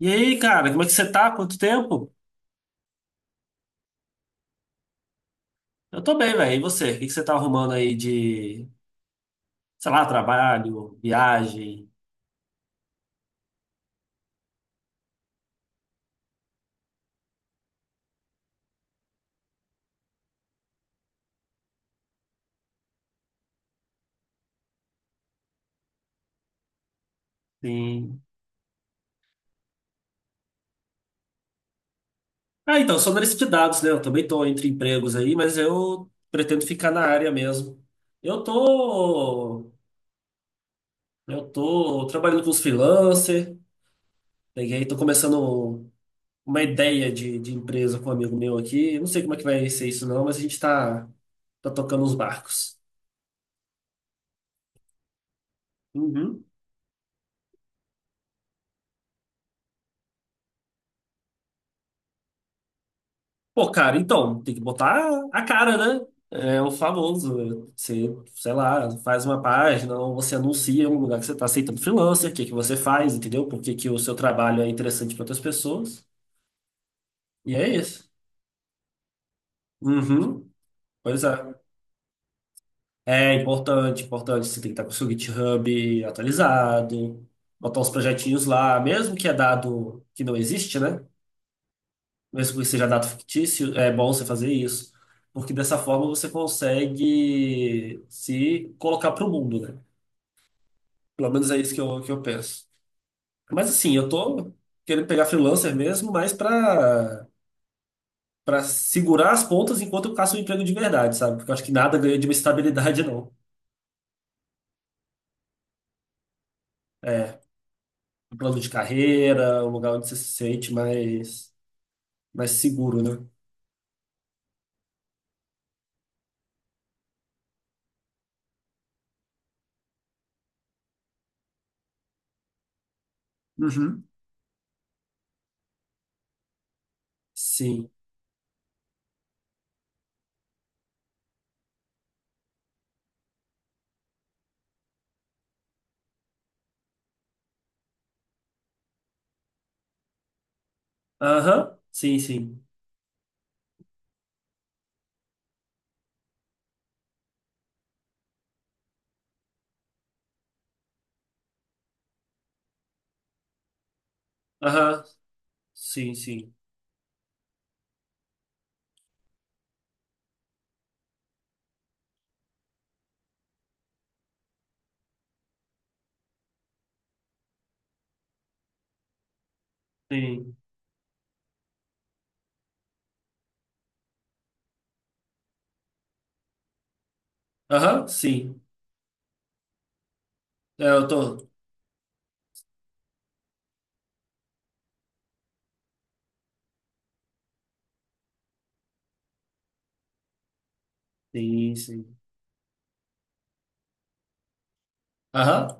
E aí, cara, como é que você tá? Quanto tempo? Eu tô bem, velho. E você? O que que você tá arrumando aí de, sei lá, trabalho, viagem? Sim. Ah, então, eu sou analista de dados, né? Eu também tô entre empregos aí, mas eu pretendo ficar na área mesmo. Eu tô, eu tô trabalhando com os freelancer, peguei, tô começando uma ideia de empresa com um amigo meu aqui. Eu não sei como é que vai ser isso não, mas a gente tá tocando os barcos. Uhum. Pô, cara, então, tem que botar a cara, né? É o famoso. Você, sei lá, faz uma página, ou você anuncia um lugar que você está aceitando freelancer, o que que você faz, entendeu? Por que que o seu trabalho é interessante para outras pessoas. E é isso. Uhum. Pois é. É importante, importante. Você tem que estar com o seu GitHub atualizado, botar os projetinhos lá, mesmo que é dado que não existe, né? Mesmo que seja dado fictício, é bom você fazer isso, porque dessa forma você consegue se colocar para o mundo, né? Pelo menos é isso que eu penso. Mas assim, eu tô querendo pegar freelancer mesmo, mas para segurar as pontas enquanto eu caço um emprego de verdade, sabe? Porque eu acho que nada ganha de uma estabilidade, não. É, um plano de carreira, um lugar onde você se sente mais, mais seguro, né? Uhum. Sim. Aham. Sim, sim. Aham. Sim, sim. Sim. Aham, sim. É, eu tô. Sim, sim. Aham,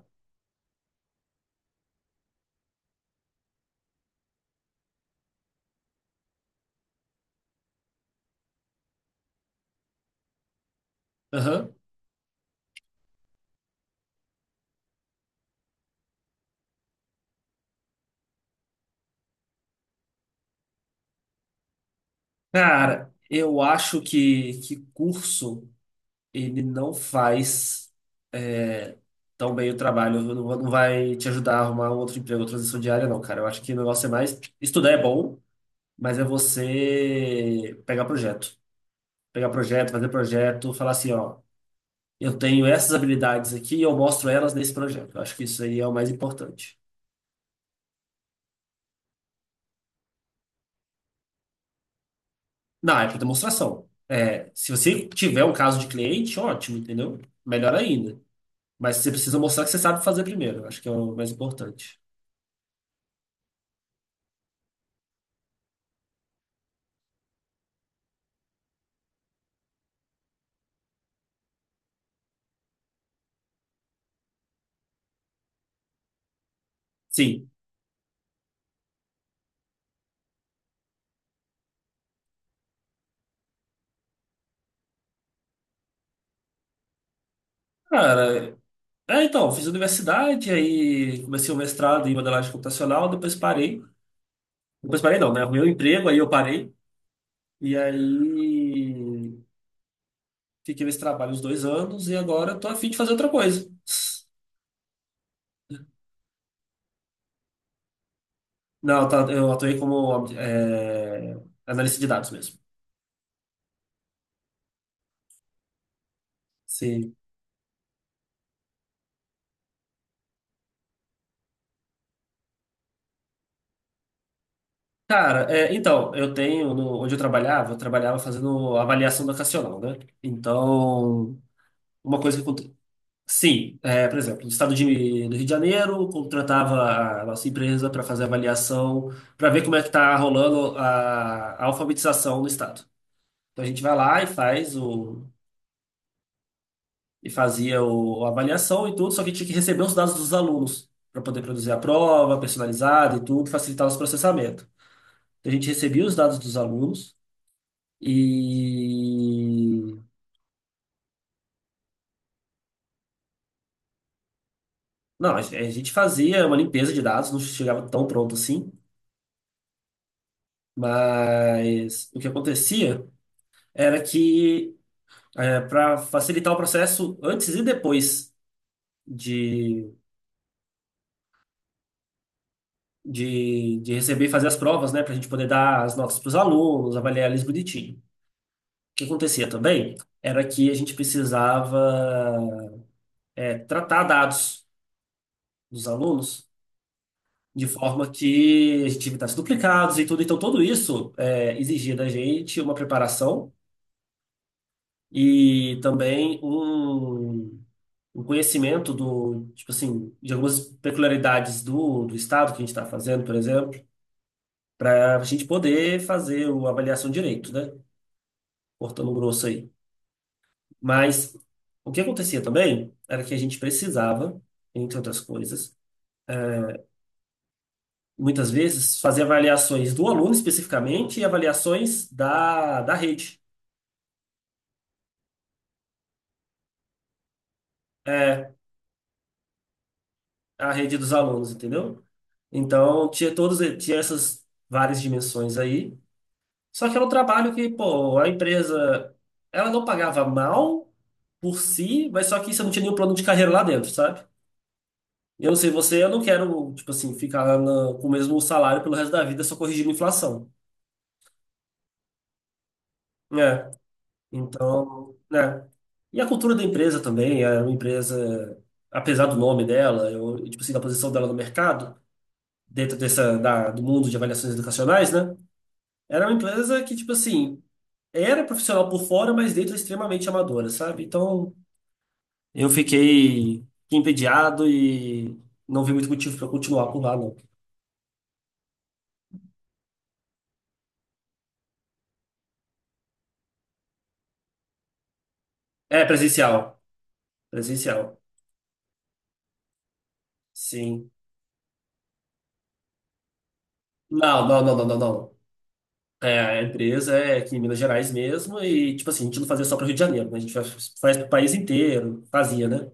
aham. Cara, eu acho que curso ele não faz é, tão bem o trabalho. Não, não vai te ajudar a arrumar um outro emprego, outra transição diária, não, cara. Eu acho que o negócio é mais. Estudar é bom, mas é você pegar projeto. Pegar projeto, fazer projeto, falar assim, ó, eu tenho essas habilidades aqui e eu mostro elas nesse projeto. Eu acho que isso aí é o mais importante. Não, é para demonstração. É, se você tiver um caso de cliente, ótimo, entendeu? Melhor ainda. Mas você precisa mostrar que você sabe fazer primeiro. Acho que é o mais importante. Sim. Cara, é, então, fiz universidade, aí comecei o mestrado em modelagem computacional, depois parei. Depois parei não, né? Arrumei um emprego, aí eu parei. E aí fiquei nesse trabalho uns dois anos e agora eu tô a fim de fazer outra coisa. Não, tá, eu atuei como analista de dados mesmo. Sim. Cara, é, então, eu tenho, onde eu trabalhava fazendo avaliação educacional, né? Então, uma coisa que sim, é, por exemplo, no estado do Rio de Janeiro, contratava a nossa empresa para fazer avaliação, para ver como é que está rolando a alfabetização no estado. Então, a gente vai lá e faz o, e fazia o, a avaliação e tudo, só que tinha que receber os dados dos alunos para poder produzir a prova personalizada e tudo, facilitar os processamentos. Então, a gente recebia os dados dos alunos e. Não, a gente fazia uma limpeza de dados, não chegava tão pronto assim, mas o que acontecia era que, para facilitar o processo antes e depois de, de receber e fazer as provas, né, para a gente poder dar as notas para os alunos, avaliar eles bonitinho. O que acontecia também era que a gente precisava, tratar dados dos alunos de forma que a gente evitasse duplicados e tudo. Então, tudo isso exigia da gente uma preparação e também um conhecimento do, tipo assim, de algumas peculiaridades do estado que a gente está fazendo, por exemplo, para a gente poder fazer uma avaliação direito, né? Cortando grosso aí. Mas o que acontecia também era que a gente precisava, entre outras coisas, muitas vezes, fazer avaliações do aluno especificamente e avaliações da rede. É, a rede dos alunos, entendeu? Então, tinha todos, tinha essas várias dimensões aí. Só que era um trabalho que, pô, a empresa, ela não pagava mal por si, mas só que você não tinha nenhum plano de carreira lá dentro, sabe? Eu não sei você, eu não quero, tipo assim, ficar lá com o mesmo salário pelo resto da vida só corrigindo a inflação, né? Então, né? E a cultura da empresa também, era uma empresa, apesar do nome dela, eu, tipo assim, da posição dela no mercado, dentro dessa, do mundo de avaliações educacionais, né? Era uma empresa que, tipo assim, era profissional por fora, mas dentro extremamente amadora, sabe? Então, eu fiquei entediado e não vi muito motivo para continuar por lá, não. É presencial. Presencial. Sim. Não, não, não, não, não, não. É, a empresa é aqui em Minas Gerais mesmo e, tipo assim, a gente não fazia só para o Rio de Janeiro, né? A gente faz, faz para o país inteiro, fazia, né?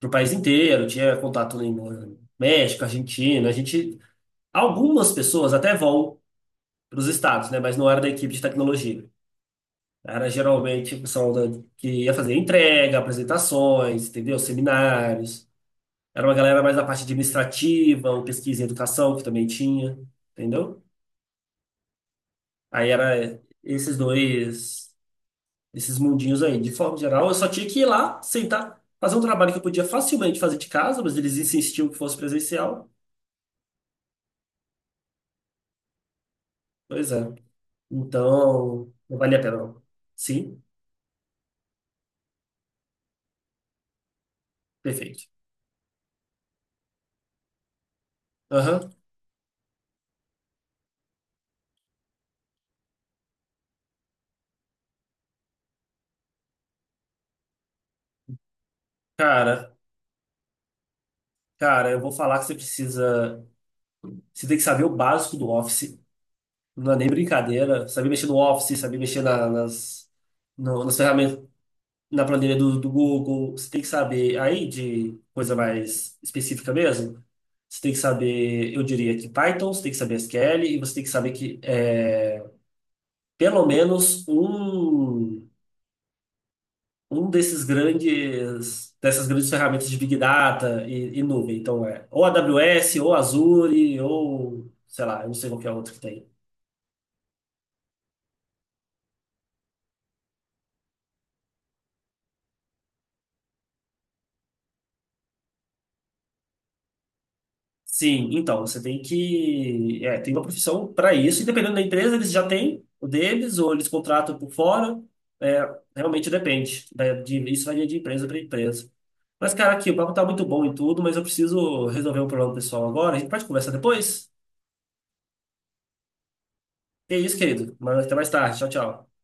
Para o país inteiro, tinha contato em México, Argentina, a gente algumas pessoas até vão para os estados, né? Mas não era da equipe de tecnologia. Era geralmente o pessoal que ia fazer entrega, apresentações, entendeu? Seminários. Era uma galera mais da parte administrativa, ou pesquisa e educação, que também tinha, entendeu? Aí era esses dois, esses mundinhos aí. De forma geral, eu só tinha que ir lá, sentar, fazer um trabalho que eu podia facilmente fazer de casa, mas eles insistiam que fosse presencial. Pois é. Então, não valia a pena, não. Sim, perfeito. Aham. Cara, cara, eu vou falar que você precisa. Você tem que saber o básico do Office. Não é nem brincadeira. Saber mexer no Office, saber mexer na- nas, no- nas ferramentas, na planilha do Google. Você tem que saber aí de coisa mais específica mesmo. Você tem que saber, eu diria que Python, você tem que saber SQL e você tem que saber pelo menos um. Um desses grandes, dessas grandes ferramentas de Big Data e nuvem. Então é ou AWS, ou Azure, ou sei lá, eu não sei qual que é a outra que tem. Sim, então você tem que tem uma profissão para isso, e dependendo da empresa, eles já têm o deles, ou eles contratam por fora. É, realmente depende. Isso varia de empresa para empresa. Mas, cara, aqui, o papo tá muito bom e tudo, mas eu preciso resolver um problema pessoal agora. A gente pode conversar depois? É isso, querido. Mas até mais tarde. Tchau, tchau.